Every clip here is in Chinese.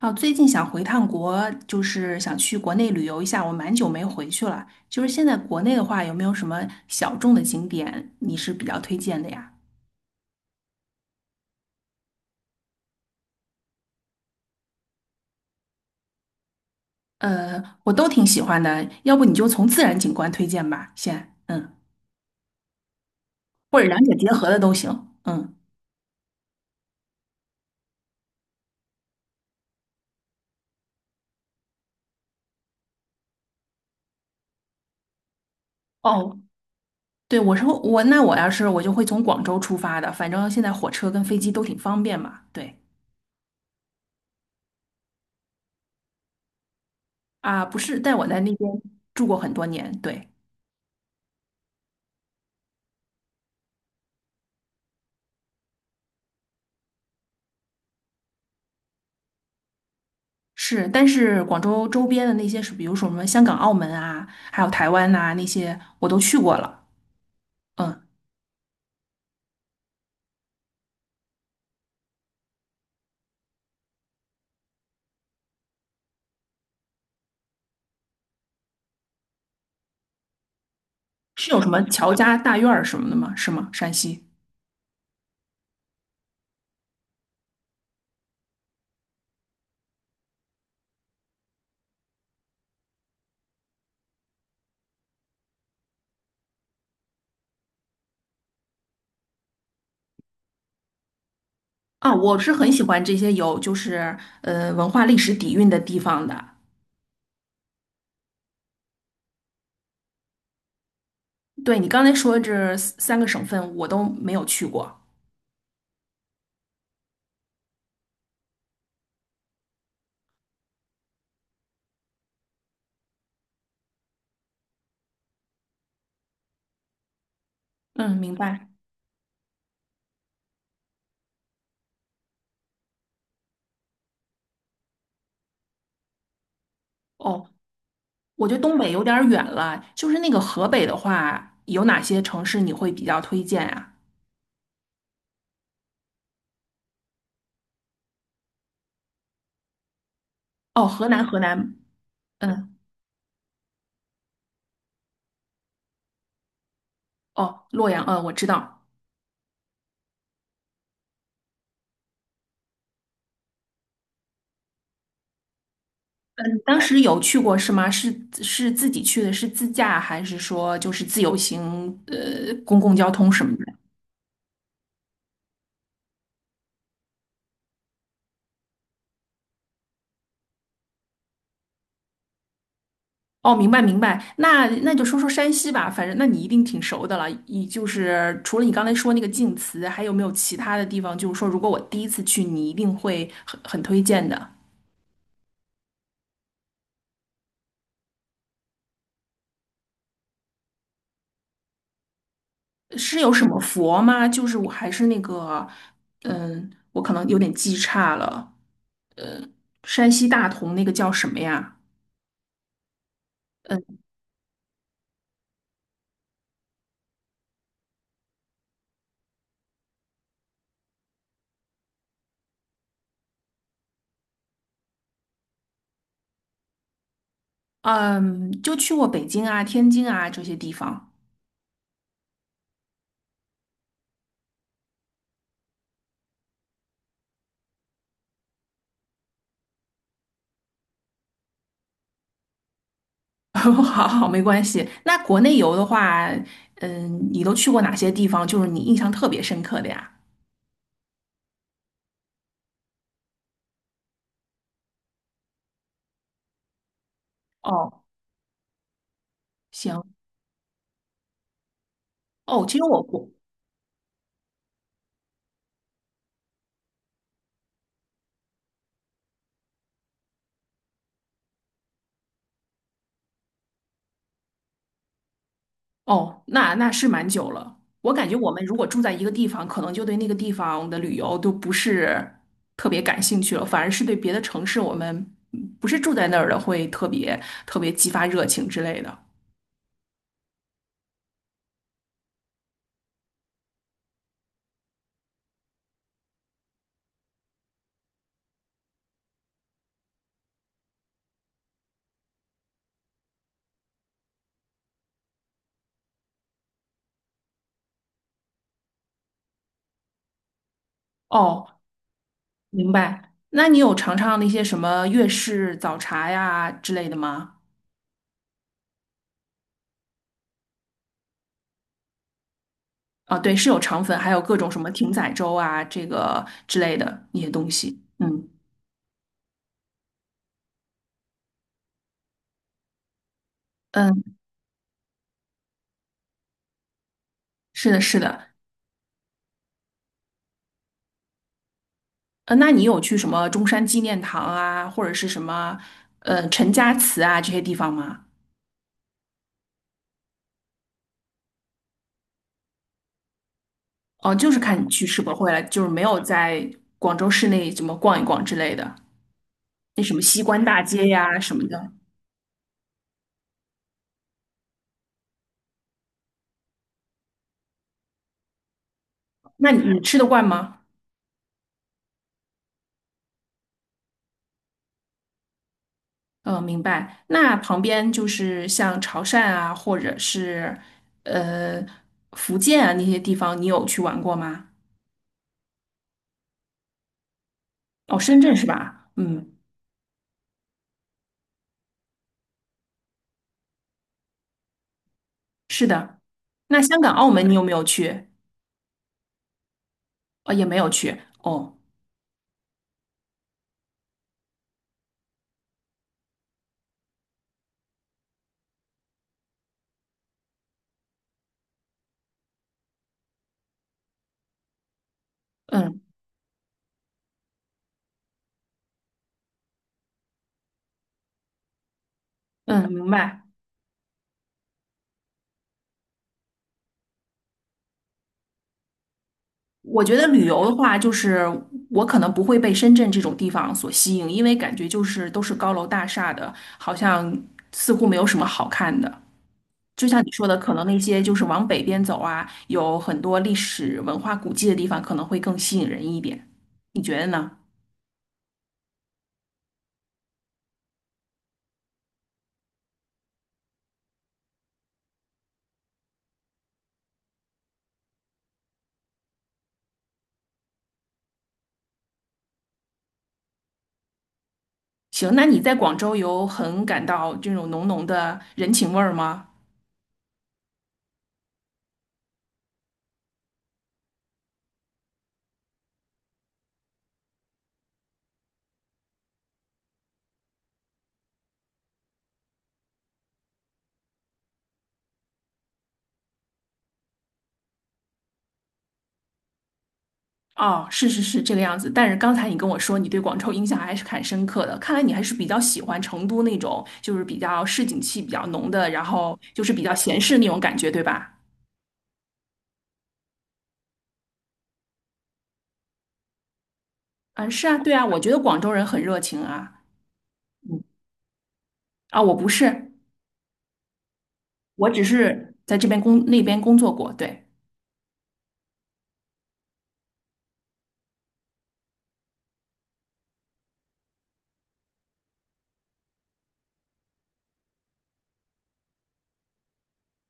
哦，最近想回趟国，就是想去国内旅游一下，我蛮久没回去了。就是现在国内的话，有没有什么小众的景点你是比较推荐的呀？我都挺喜欢的，要不你就从自然景观推荐吧，先，嗯，或者两者结合的都行，嗯。哦，对，我说我要是就会从广州出发的，反正现在火车跟飞机都挺方便嘛。对啊，不是，但我在那边住过很多年，对。是，但是广州周边的那些是，比如说什么香港、澳门啊，还有台湾呐、那些我都去过了。嗯，是有什么乔家大院儿什么的吗？是吗？山西啊，我是很喜欢这些有就是文化历史底蕴的地方的。对你刚才说这三个省份，我都没有去过。嗯，明白。哦，我觉得东北有点儿远了，就是那个河北的话，有哪些城市你会比较推荐啊？哦，河南，河南，嗯，哦，洛阳，嗯，我知道。当时有去过是吗？是是自己去的，是自驾还是说就是自由行？公共交通什么的？哦，明白明白。那那就说说山西吧，反正那你一定挺熟的了。你就是除了你刚才说那个晋祠，还有没有其他的地方？就是说，如果我第一次去，你一定会很推荐的。是有什么佛吗？就是我还是那个，嗯，我可能有点记差了。山西大同那个叫什么呀？嗯，就去过北京啊、天津啊这些地方。好好，没关系。那国内游的话，嗯，你都去过哪些地方？就是你印象特别深刻的呀？哦，行，哦，其实我国，哦，那那是蛮久了。我感觉我们如果住在一个地方，可能就对那个地方的旅游都不是特别感兴趣了，反而是对别的城市，我们不是住在那儿的，会特别特别激发热情之类的。哦，明白。那你有尝尝那些什么粤式早茶呀之类的吗？啊，对，是有肠粉，还有各种什么艇仔粥啊，这个之类的那些东西。嗯嗯，是的，是的。那你有去什么中山纪念堂啊，或者是什么陈家祠啊这些地方吗？哦，就是看你去世博会了，就是没有在广州市内怎么逛一逛之类的。那什么西关大街呀、什么的，那你你吃得惯吗？嗯，明白。那旁边就是像潮汕啊，或者是呃福建啊那些地方，你有去玩过吗？哦，深圳是吧？嗯，是的。那香港、澳门你有没有去？也没有去。哦，嗯嗯，明白。我觉得旅游的话，就是我可能不会被深圳这种地方所吸引，因为感觉就是都是高楼大厦的，好像似乎没有什么好看的。就像你说的，可能那些就是往北边走啊，有很多历史文化古迹的地方，可能会更吸引人一点。你觉得呢？行，那你在广州有很感到这种浓浓的人情味儿吗？哦，是是是这个样子。但是刚才你跟我说你对广州印象还是很深刻的，看来你还是比较喜欢成都那种，就是比较市井气比较浓的，然后就是比较闲适那种感觉，对吧？嗯，是啊，对啊，我觉得广州人很热情啊。嗯，啊，我不是，我只是在这边那边工作过，对。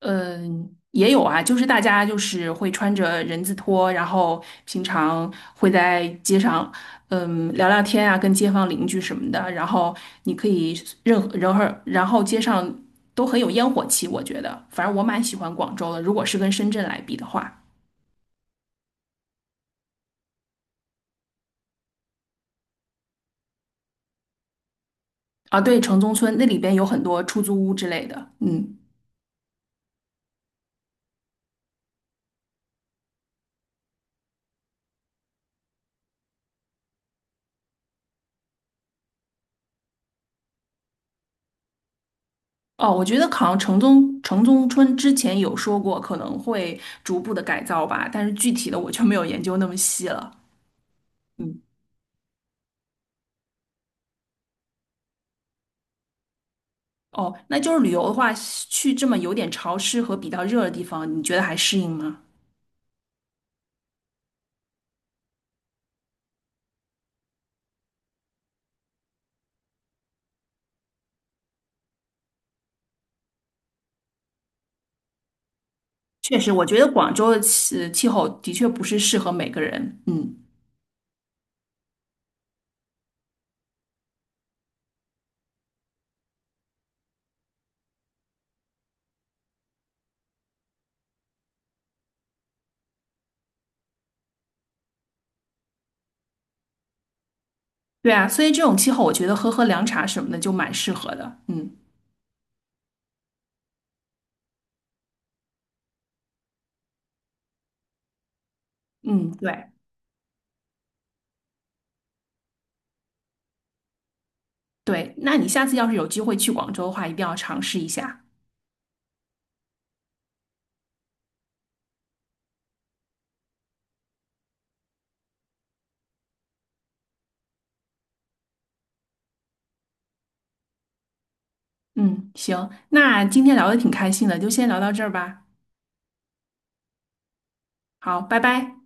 嗯，也有啊，就是大家就是会穿着人字拖，然后平常会在街上，嗯，聊聊天啊，跟街坊邻居什么的。然后你可以任何，然后街上都很有烟火气，我觉得，反正我蛮喜欢广州的。如果是跟深圳来比的话，啊，对，城中村那里边有很多出租屋之类的，嗯。哦，我觉得好像城中村之前有说过可能会逐步的改造吧，但是具体的我就没有研究那么细了。嗯。哦，那就是旅游的话，去这么有点潮湿和比较热的地方，你觉得还适应吗？确实，我觉得广州的气候的确不是适合每个人。嗯，对啊，所以这种气候，我觉得喝凉茶什么的就蛮适合的。嗯嗯，对对，那你下次要是有机会去广州的话，一定要尝试一下。嗯，行，那今天聊的挺开心的，就先聊到这儿吧。好，拜拜。